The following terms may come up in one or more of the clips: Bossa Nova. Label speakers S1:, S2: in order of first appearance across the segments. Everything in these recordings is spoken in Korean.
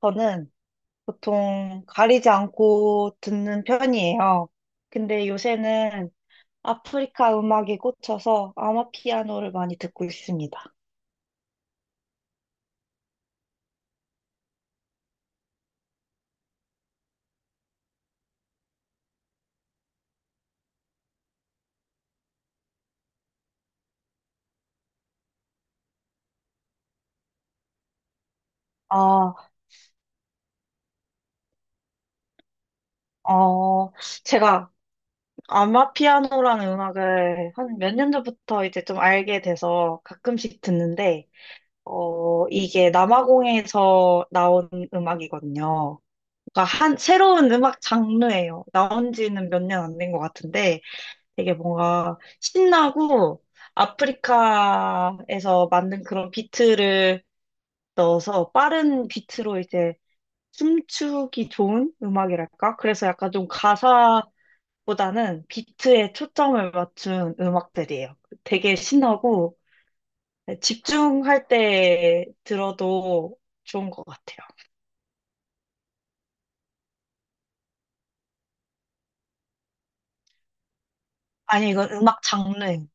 S1: 저는 보통 가리지 않고 듣는 편이에요. 근데 요새는 아프리카 음악에 꽂혀서 아마피아노를 많이 듣고 있습니다. 아, 어, 제가 아마피아노라는 음악을 한 몇 년 전부터 이제 좀 알게 돼서 가끔씩 듣는데, 이게 남아공에서 나온 음악이거든요. 그러니까 한, 새로운 음악 장르예요. 나온 지는 몇 년 안 된 것 같은데, 되게 뭔가 신나고 아프리카에서 만든 그런 비트를 넣어서 빠른 비트로 이제 춤추기 좋은 음악이랄까? 그래서 약간 좀 가사보다는 비트에 초점을 맞춘 음악들이에요. 되게 신나고 집중할 때 들어도 좋은 것 같아요. 아니, 이건 음악 장르.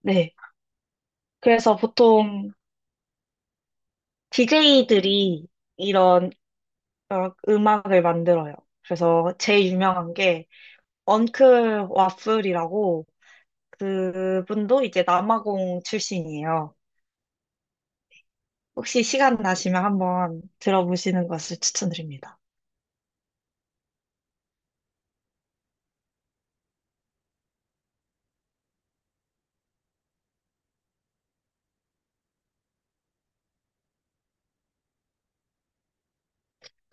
S1: 네. 그래서 보통 DJ들이 이런 음악을 만들어요. 그래서 제일 유명한 게 언클 와플이라고 그분도 이제 남아공 출신이에요. 혹시 시간 나시면 한번 들어보시는 것을 추천드립니다.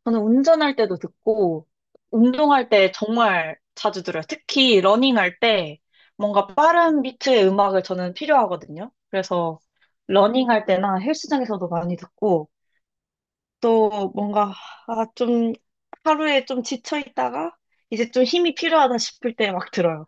S1: 저는 운전할 때도 듣고, 운동할 때 정말 자주 들어요. 특히 러닝할 때 뭔가 빠른 비트의 음악을 저는 필요하거든요. 그래서 러닝할 때나 헬스장에서도 많이 듣고, 또 뭔가 아, 좀 하루에 좀 지쳐 있다가 이제 좀 힘이 필요하다 싶을 때 막 들어요.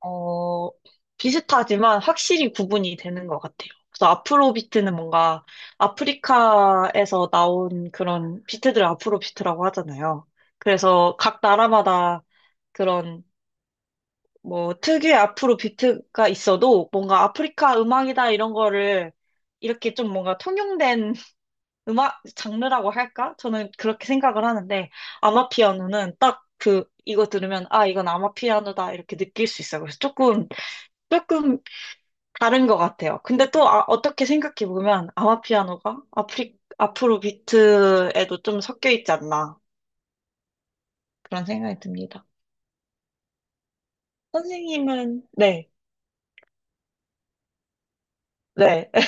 S1: 어, 비슷하지만 확실히 구분이 되는 것 같아요. 그래서 아프로비트는 뭔가 아프리카에서 나온 그런 비트들 을 아프로비트라고 하잖아요. 그래서 각 나라마다 그런 뭐 특유의 아프로비트가 있어도 뭔가 아프리카 음악이다 이런 거를 이렇게 좀 뭔가 통용된 음악 장르라고 할까? 저는 그렇게 생각을 하는데 아마피아노는 딱 그 이거 들으면 아 이건 아마피아노다 이렇게 느낄 수 있어요. 그래서 조금 다른 것 같아요. 근데 또 아, 어떻게 생각해 보면 아마피아노가 아프리, 앞으로 비트에도 좀 섞여 있지 않나 그런 생각이 듭니다. 선생님은 네, 네.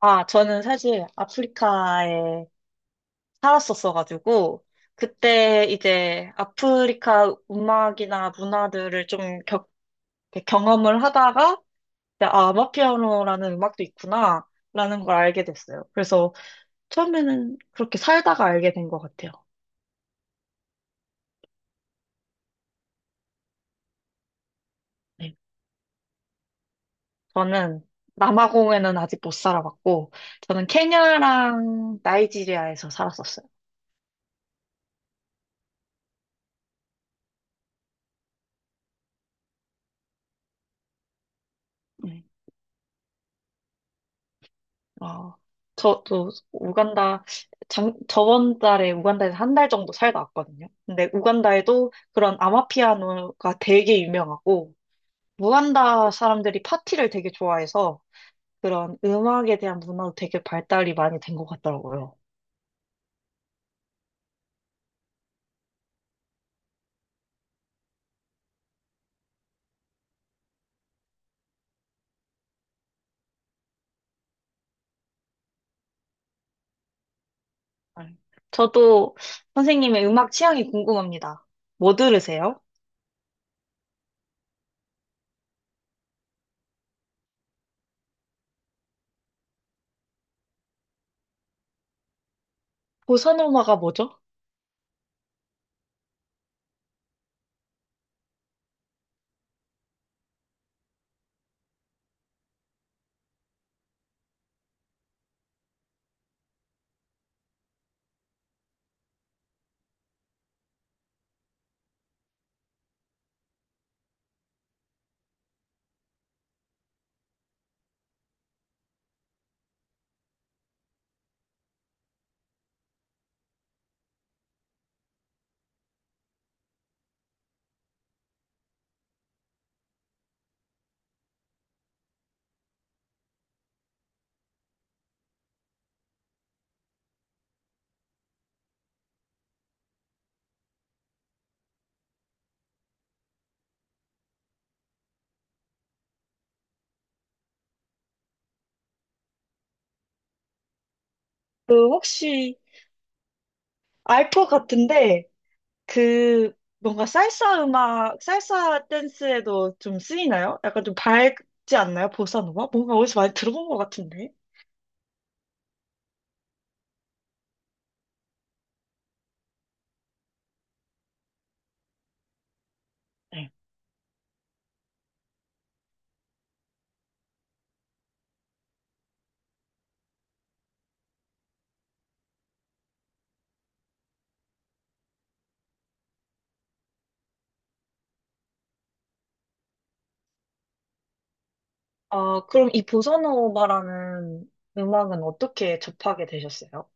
S1: 아, 저는 사실 아프리카에 살았었어가지고, 그때 이제 아프리카 음악이나 문화들을 좀 겪, 이렇게 경험을 하다가, 이제 아, 아마피아노라는 음악도 있구나, 라는 걸 알게 됐어요. 그래서 처음에는 그렇게 살다가 알게 된 것 같아요. 네. 저는 남아공에는 아직 못 살아봤고, 저는 케냐랑 나이지리아에서 살았었어요. 네. 어, 저도 우간다, 장, 저번 달에 우간다에서 한 달 정도 살다 왔거든요. 근데 우간다에도 그런 아마피아노가 되게 유명하고, 우간다 사람들이 파티를 되게 좋아해서 그런 음악에 대한 문화도 되게 발달이 많이 된 것 같더라고요. 네. 저도 선생님의 음악 취향이 궁금합니다. 뭐 들으세요? 보사노마가 뭐죠? 그 혹시 알 것 같은데. 그 뭔가 살사 음악, 살사 댄스에도 좀 쓰이나요? 약간 좀 밝지 않나요? 보사노바? 뭔가 어디서 많이 들어본 것 같은데. 네. 아, 그럼 이 보사노바라는 음악은 어떻게 접하게 되셨어요?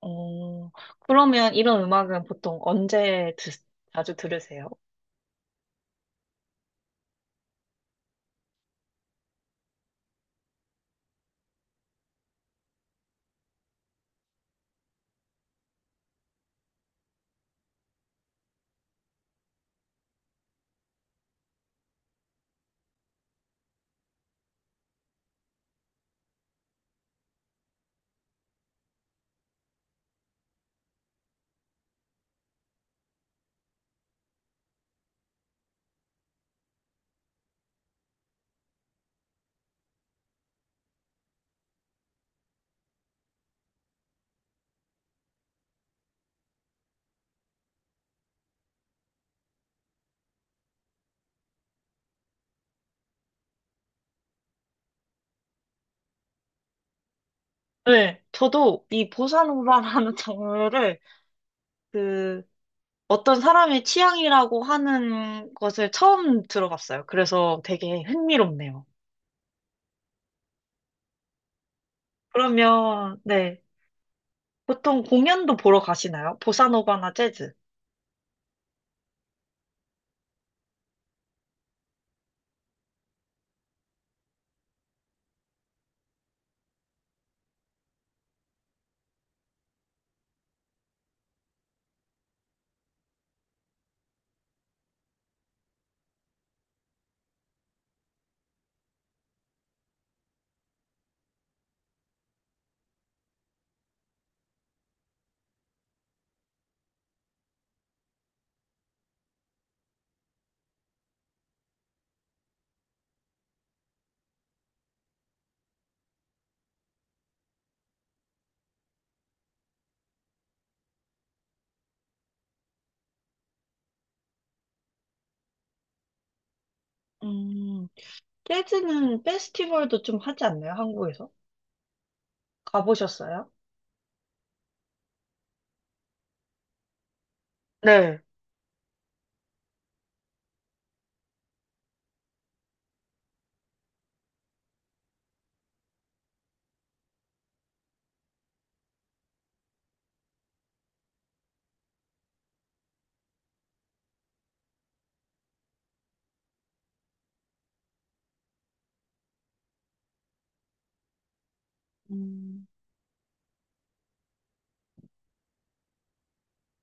S1: 어, 그러면 이런 음악은 보통 언제 드, 자주 들으세요? 네. 저도 이 보사노바라는 장르를 그 어떤 사람의 취향이라고 하는 것을 처음 들어봤어요. 그래서 되게 흥미롭네요. 그러면, 네. 보통 공연도 보러 가시나요? 보사노바나 재즈? 음, 재즈는 페스티벌도 좀 하지 않나요? 한국에서? 가보셨어요? 네. 음,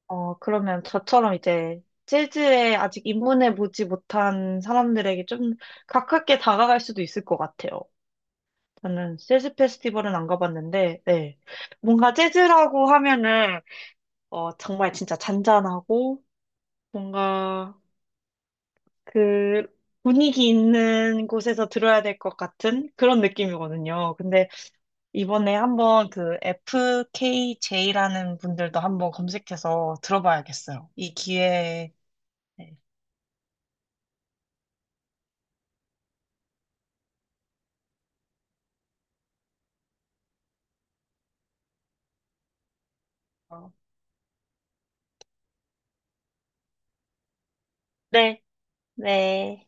S1: 그러면 저처럼 이제 재즈에 아직 입문해 보지 못한 사람들에게 좀 가깝게 다가갈 수도 있을 것 같아요. 저는 재즈 페스티벌은 안 가봤는데, 네. 뭔가 재즈라고 하면은, 정말 진짜 잔잔하고, 뭔가 그 분위기 있는 곳에서 들어야 될 것 같은 그런 느낌이거든요. 근데 이번에 한번 그 FKJ라는 분들도 한번 검색해서 들어봐야겠어요. 이 기회에. 네. 어, 네. 네.